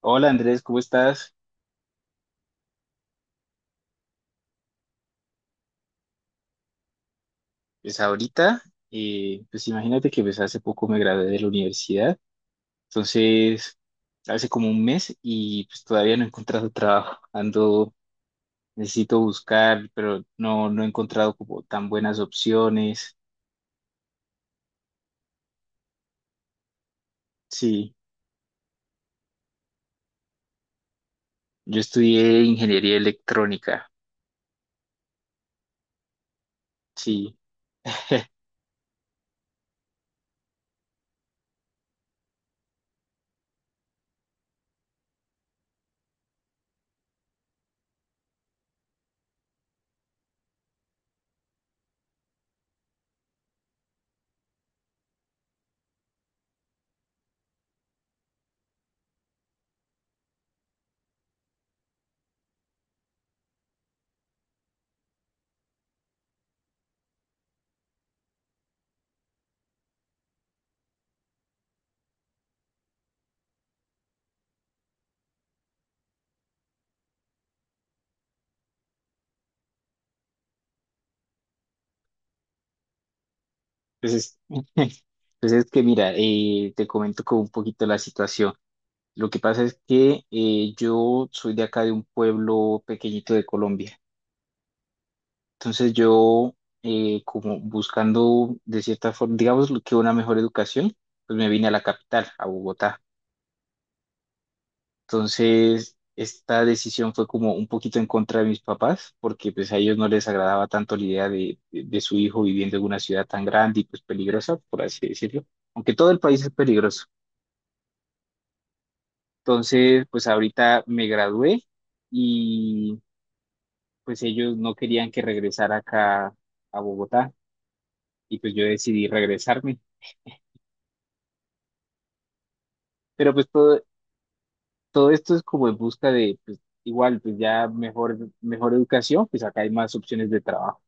Hola Andrés, ¿cómo estás? Pues ahorita, pues imagínate que pues hace poco me gradué de la universidad, entonces hace como un mes y pues todavía no he encontrado trabajo, ando, necesito buscar, pero no he encontrado como tan buenas opciones. Sí, yo estudié ingeniería electrónica. Sí, pues es, pues es que mira, te comento como un poquito la situación. Lo que pasa es que yo soy de acá de un pueblo pequeñito de Colombia. Entonces como buscando de cierta forma, digamos lo que una mejor educación, pues me vine a la capital, a Bogotá. Entonces esta decisión fue como un poquito en contra de mis papás, porque pues a ellos no les agradaba tanto la idea de su hijo viviendo en una ciudad tan grande y pues peligrosa, por así decirlo, aunque todo el país es peligroso. Entonces pues ahorita me gradué y pues ellos no querían que regresara acá a Bogotá, y pues yo decidí regresarme. Pero pues todo esto es como en busca de, pues, igual, pues ya mejor educación, pues acá hay más opciones de trabajo.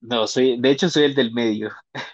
No, soy, de hecho soy el del medio.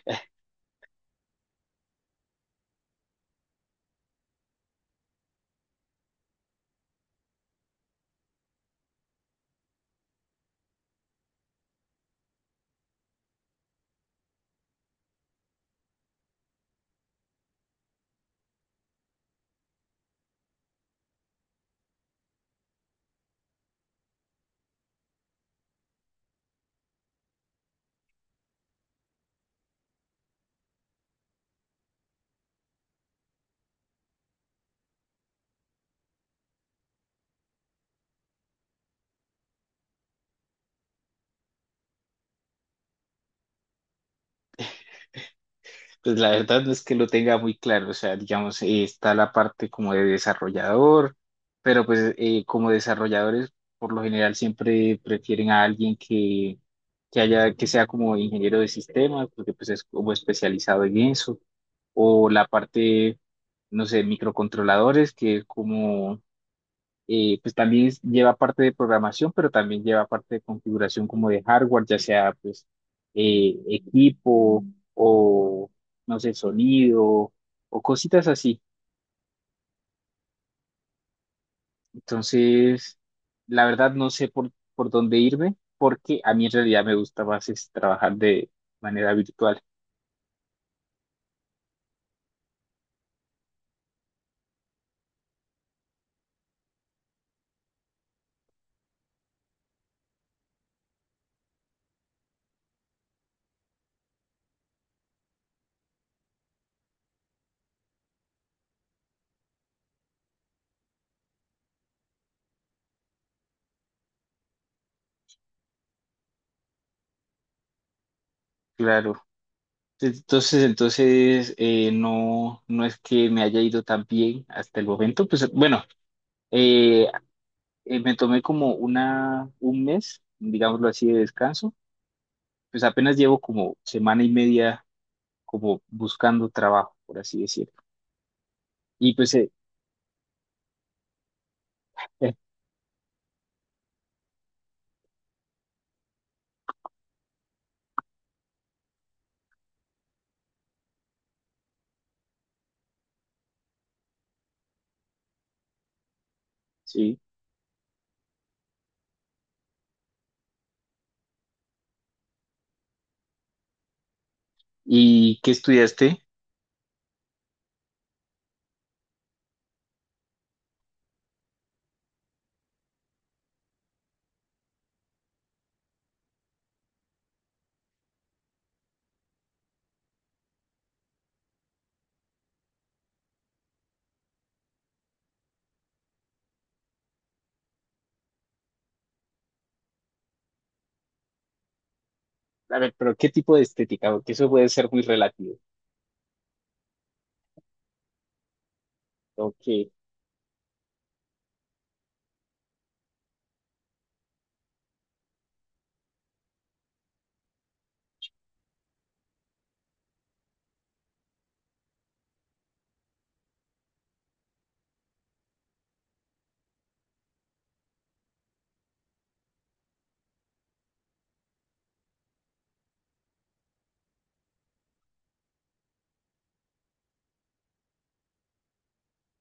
Pues la verdad no es que lo tenga muy claro, o sea, digamos, está la parte como de desarrollador, pero pues como desarrolladores por lo general siempre prefieren a alguien que haya, que sea como ingeniero de sistemas, porque pues es como especializado en eso, o la parte, no sé, microcontroladores, que es como pues lleva parte de programación, pero también lleva parte de configuración como de hardware, ya sea pues equipo o, no sé, sonido o cositas así. Entonces, la verdad no sé por dónde irme, porque a mí en realidad me gusta más es trabajar de manera virtual. Claro. Entonces, no es que me haya ido tan bien hasta el momento. Pues bueno, eh, me tomé como un mes, digámoslo así, de descanso. Pues apenas llevo como semana y media como buscando trabajo, por así decirlo. Y pues, eh, sí. ¿Y qué estudiaste? A ver, pero ¿qué tipo de estética? Porque eso puede ser muy relativo. ¿O qué?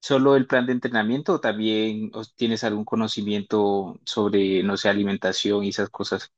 ¿Solo el plan de entrenamiento o también tienes algún conocimiento sobre, no sé, alimentación y esas cosas?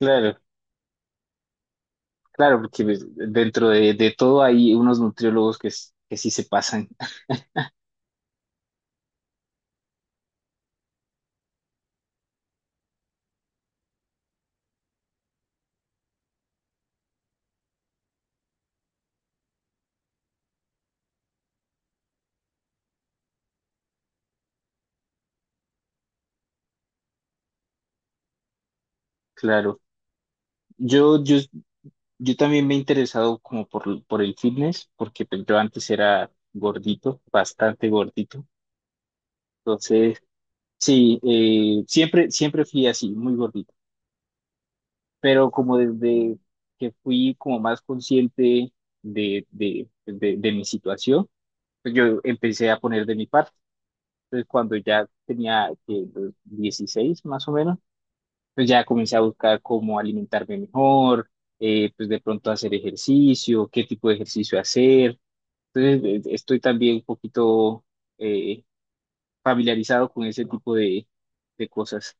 Claro, claro, porque pues, dentro de todo hay unos nutriólogos que sí se pasan. Claro. Yo, yo, Yo también me he interesado como por el fitness, porque pues, yo antes era gordito, bastante gordito. Entonces, sí, siempre fui así, muy gordito. Pero como desde que fui como más consciente pues, de mi situación, pues, yo empecé a poner de mi parte. Entonces, cuando ya tenía los 16 más o menos, pues ya comencé a buscar cómo alimentarme mejor, pues de pronto hacer ejercicio, qué tipo de ejercicio hacer. Entonces, estoy también un poquito eh, familiarizado con ese tipo de cosas.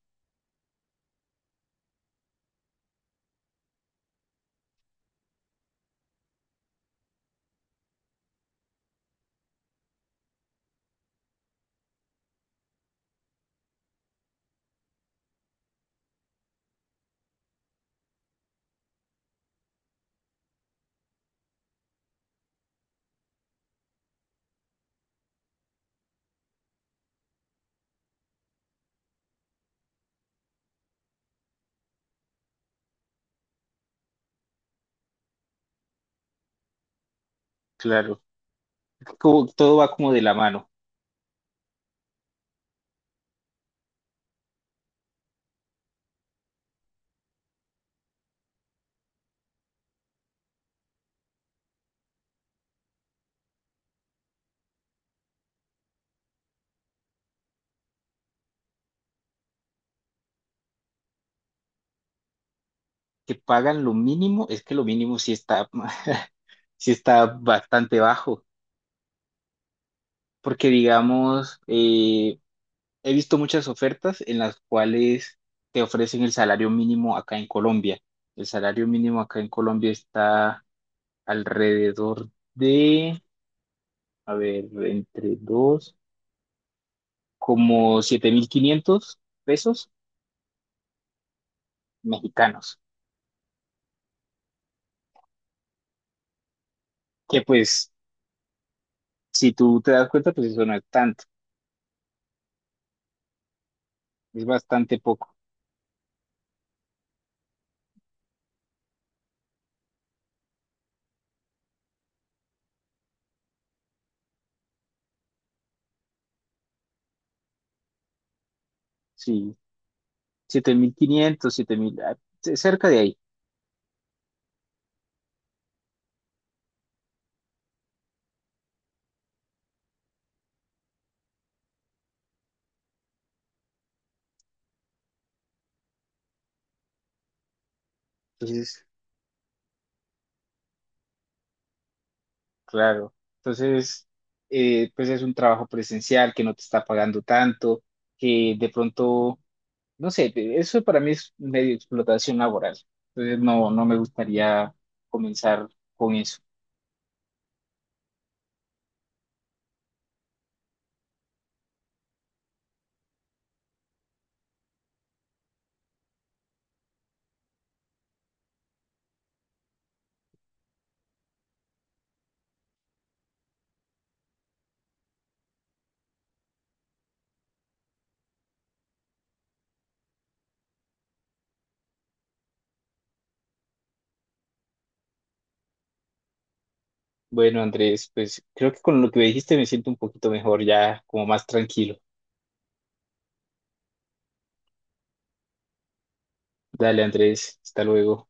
Claro, como, todo va como de la mano. Que pagan lo mínimo, es que lo mínimo sí está, sí está bastante bajo, porque digamos, he visto muchas ofertas en las cuales te ofrecen el salario mínimo acá en Colombia. El salario mínimo acá en Colombia está alrededor de, a ver, entre dos. Como 7.500 pesos mexicanos, que pues si tú te das cuenta, pues eso no es tanto, es bastante poco. Sí, 7.500, 7.000, ah, cerca de ahí, entonces, claro. Entonces, pues es un trabajo presencial que no te está pagando tanto, que de pronto, no sé, eso para mí es medio explotación laboral, entonces no me gustaría comenzar con eso. Bueno, Andrés, pues creo que con lo que me dijiste me siento un poquito mejor, ya como más tranquilo. Dale, Andrés, hasta luego.